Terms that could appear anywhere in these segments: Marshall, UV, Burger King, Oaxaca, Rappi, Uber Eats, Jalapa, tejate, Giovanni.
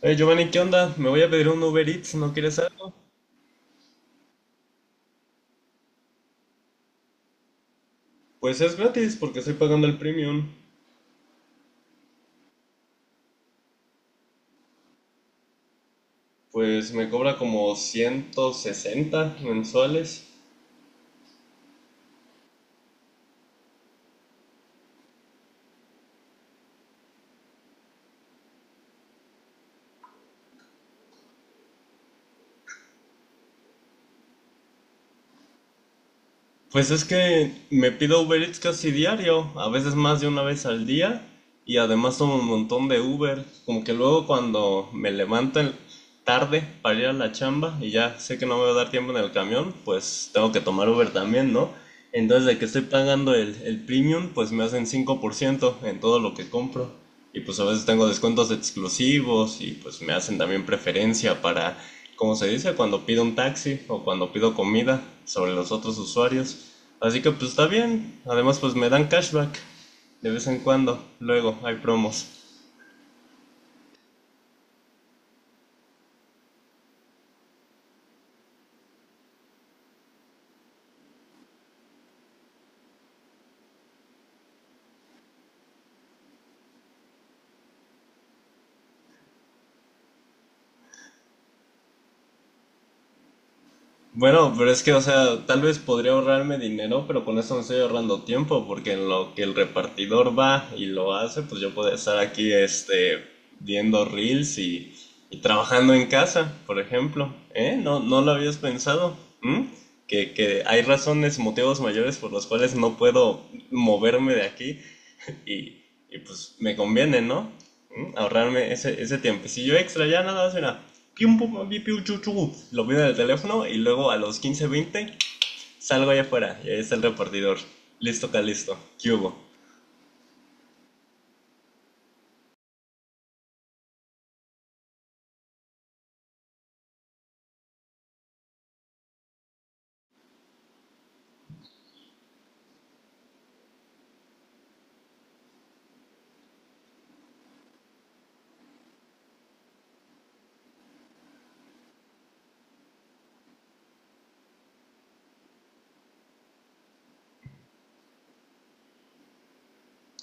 Hey Giovanni, ¿qué onda? Me voy a pedir un Uber Eats, ¿no quieres algo? Pues es gratis porque estoy pagando el premium. Pues me cobra como 160 mensuales. Pues es que me pido Uber Eats casi diario, a veces más de una vez al día, y además tomo un montón de Uber, como que luego cuando me levanto tarde para ir a la chamba y ya sé que no me va a dar tiempo en el camión, pues tengo que tomar Uber también, ¿no? Entonces de que estoy pagando el premium, pues me hacen 5% en todo lo que compro. Y pues a veces tengo descuentos exclusivos y pues me hacen también preferencia para como se dice, cuando pido un taxi o cuando pido comida sobre los otros usuarios. Así que pues está bien. Además pues me dan cashback de vez en cuando. Luego hay promos. Bueno, pero es que, o sea, tal vez podría ahorrarme dinero, pero con eso me estoy ahorrando tiempo, porque en lo que el repartidor va y lo hace, pues yo puedo estar aquí, este, viendo reels y trabajando en casa, por ejemplo. ¿Eh? No, no lo habías pensado. ¿Mm? Que hay razones, motivos mayores por los cuales no puedo moverme de aquí. Y pues me conviene, ¿no? ¿Mm? Ahorrarme ese tiempecillo extra, ya nada más era. Pium, pum, pum, piu, chu, chu. Lo pido en el teléfono y luego a los 15, 20 salgo allá afuera y ahí está el repartidor. Listo, acá listo. ¿Qué hubo?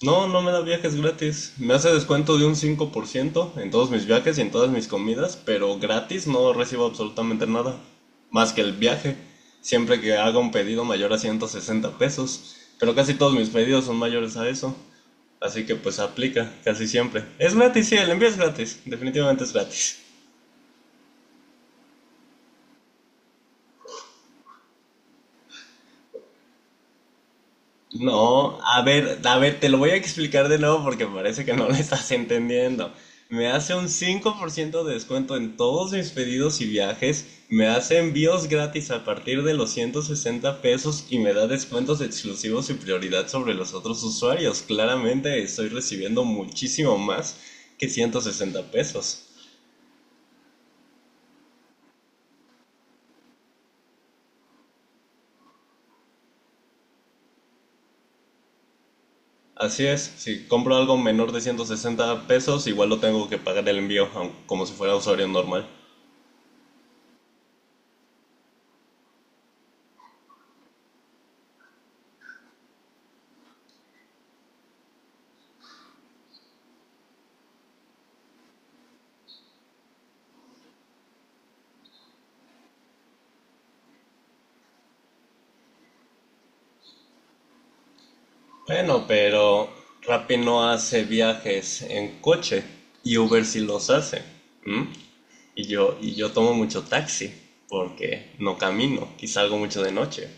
No, no me da viajes gratis. Me hace descuento de un 5% en todos mis viajes y en todas mis comidas, pero gratis no recibo absolutamente nada. Más que el viaje. Siempre que haga un pedido mayor a 160 pesos. Pero casi todos mis pedidos son mayores a eso. Así que pues aplica casi siempre. Es gratis, sí, el envío es gratis. Definitivamente es gratis. No, a ver, te lo voy a explicar de nuevo porque parece que no lo estás entendiendo. Me hace un 5% de descuento en todos mis pedidos y viajes. Me hace envíos gratis a partir de los 160 pesos y me da descuentos exclusivos y prioridad sobre los otros usuarios. Claramente estoy recibiendo muchísimo más que 160 pesos. Así es, si compro algo menor de 160 pesos, igual lo tengo que pagar el envío, como si fuera usuario normal. Bueno, pero Rappi no hace viajes en coche y Uber sí los hace. ¿M? Y yo tomo mucho taxi porque no camino, quizá algo mucho de noche.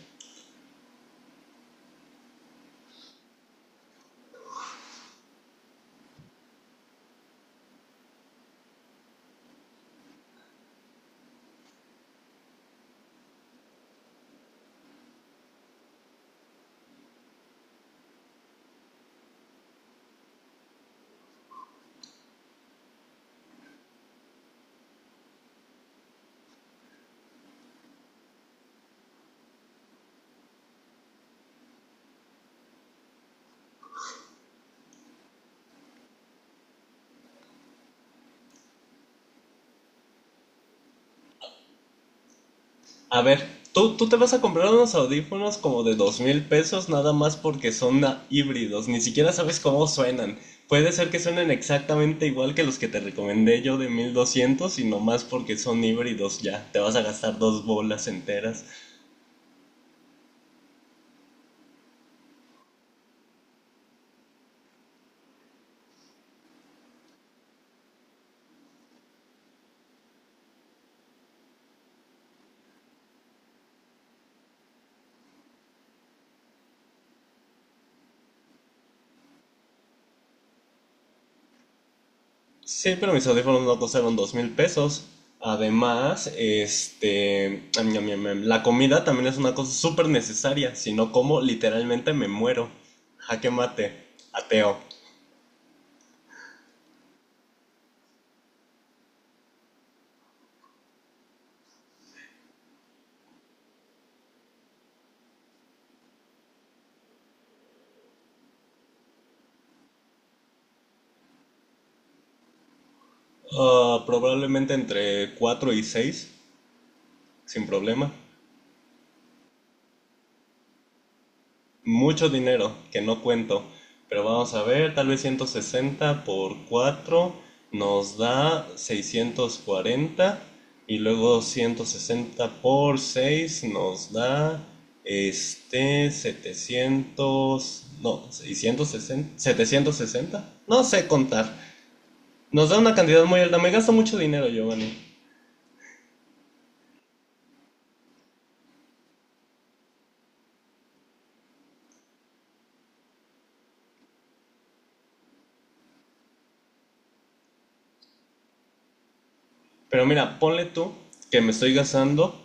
A ver, tú te vas a comprar unos audífonos como de 2,000 pesos nada más porque son híbridos, ni siquiera sabes cómo suenan. Puede ser que suenen exactamente igual que los que te recomendé yo de 1,200 y nomás porque son híbridos ya, te vas a gastar dos bolas enteras. Sí, pero mis audífonos no costaron 2,000 pesos. Además, este, la comida también es una cosa súper necesaria, si no como literalmente me muero. Jaque mate, ateo. Ah, probablemente entre 4 y 6 sin problema. Mucho dinero que no cuento, pero vamos a ver, tal vez 160 por 4 nos da 640 y luego 160 por 6 nos da este 700 no, 660 760. No sé contar. Nos da una cantidad muy alta. Me gasto mucho dinero, Giovanni. Pero mira, ponle tú que me estoy gastando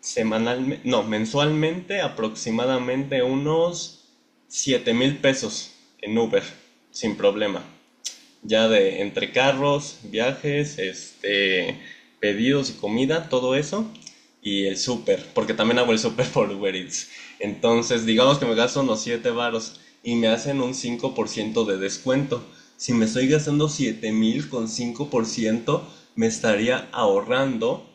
semanalmente, no, mensualmente aproximadamente unos 7,000 pesos en Uber, sin problema. Ya de entre carros, viajes, este, pedidos y comida, todo eso. Y el súper, porque también hago el súper por Uber Eats. Entonces, digamos que me gasto unos 7 varos y me hacen un 5% de descuento. Si me estoy gastando 7,000 con 5% me estaría ahorrando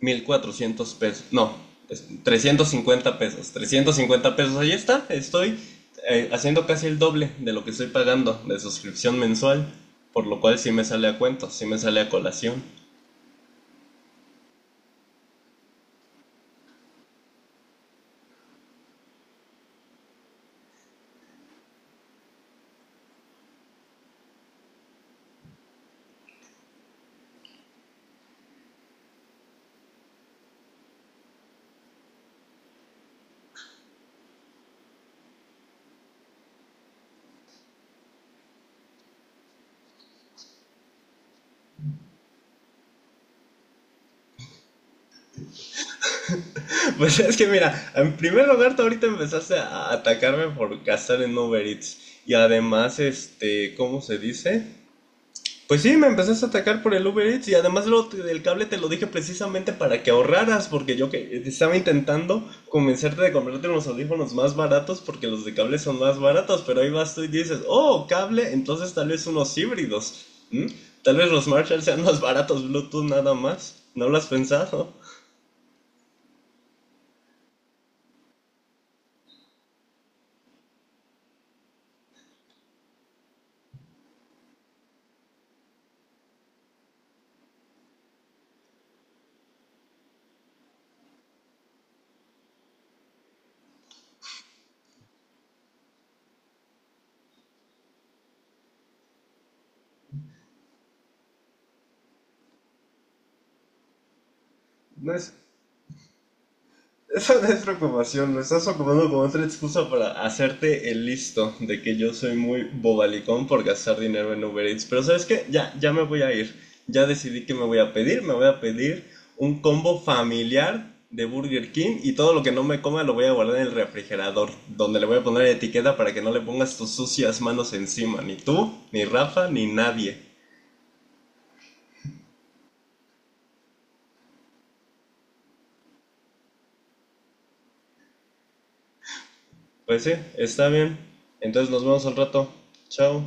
1,400 pesos. No, es 350 pesos. 350 pesos, ahí está. Estoy haciendo casi el doble de lo que estoy pagando de suscripción mensual. Por lo cual sí me sale a cuento, sí me sale a colación. Pues es que mira, en primer lugar tú ahorita empezaste a atacarme por gastar en Uber Eats. Y además, este, ¿cómo se dice? Pues sí, me empezaste a atacar por el Uber Eats y además del cable te lo dije precisamente para que ahorraras, porque yo que estaba intentando convencerte de comprarte unos audífonos más baratos porque los de cable son más baratos, pero ahí vas tú y dices, oh, cable, entonces tal vez unos híbridos. ¿M? Tal vez los Marshall sean más baratos, Bluetooth nada más. ¿No lo has pensado? No es, Esa no es preocupación, lo estás ocupando como otra excusa para hacerte el listo de que yo soy muy bobalicón por gastar dinero en Uber Eats. Pero ¿sabes qué? Ya, ya me voy a ir. Ya decidí que me voy a pedir. Me voy a pedir un combo familiar de Burger King y todo lo que no me coma lo voy a guardar en el refrigerador, donde le voy a poner etiqueta para que no le pongas tus sucias manos encima. Ni tú, ni Rafa, ni nadie. Pues sí, está bien. Entonces nos vemos al rato. Chao.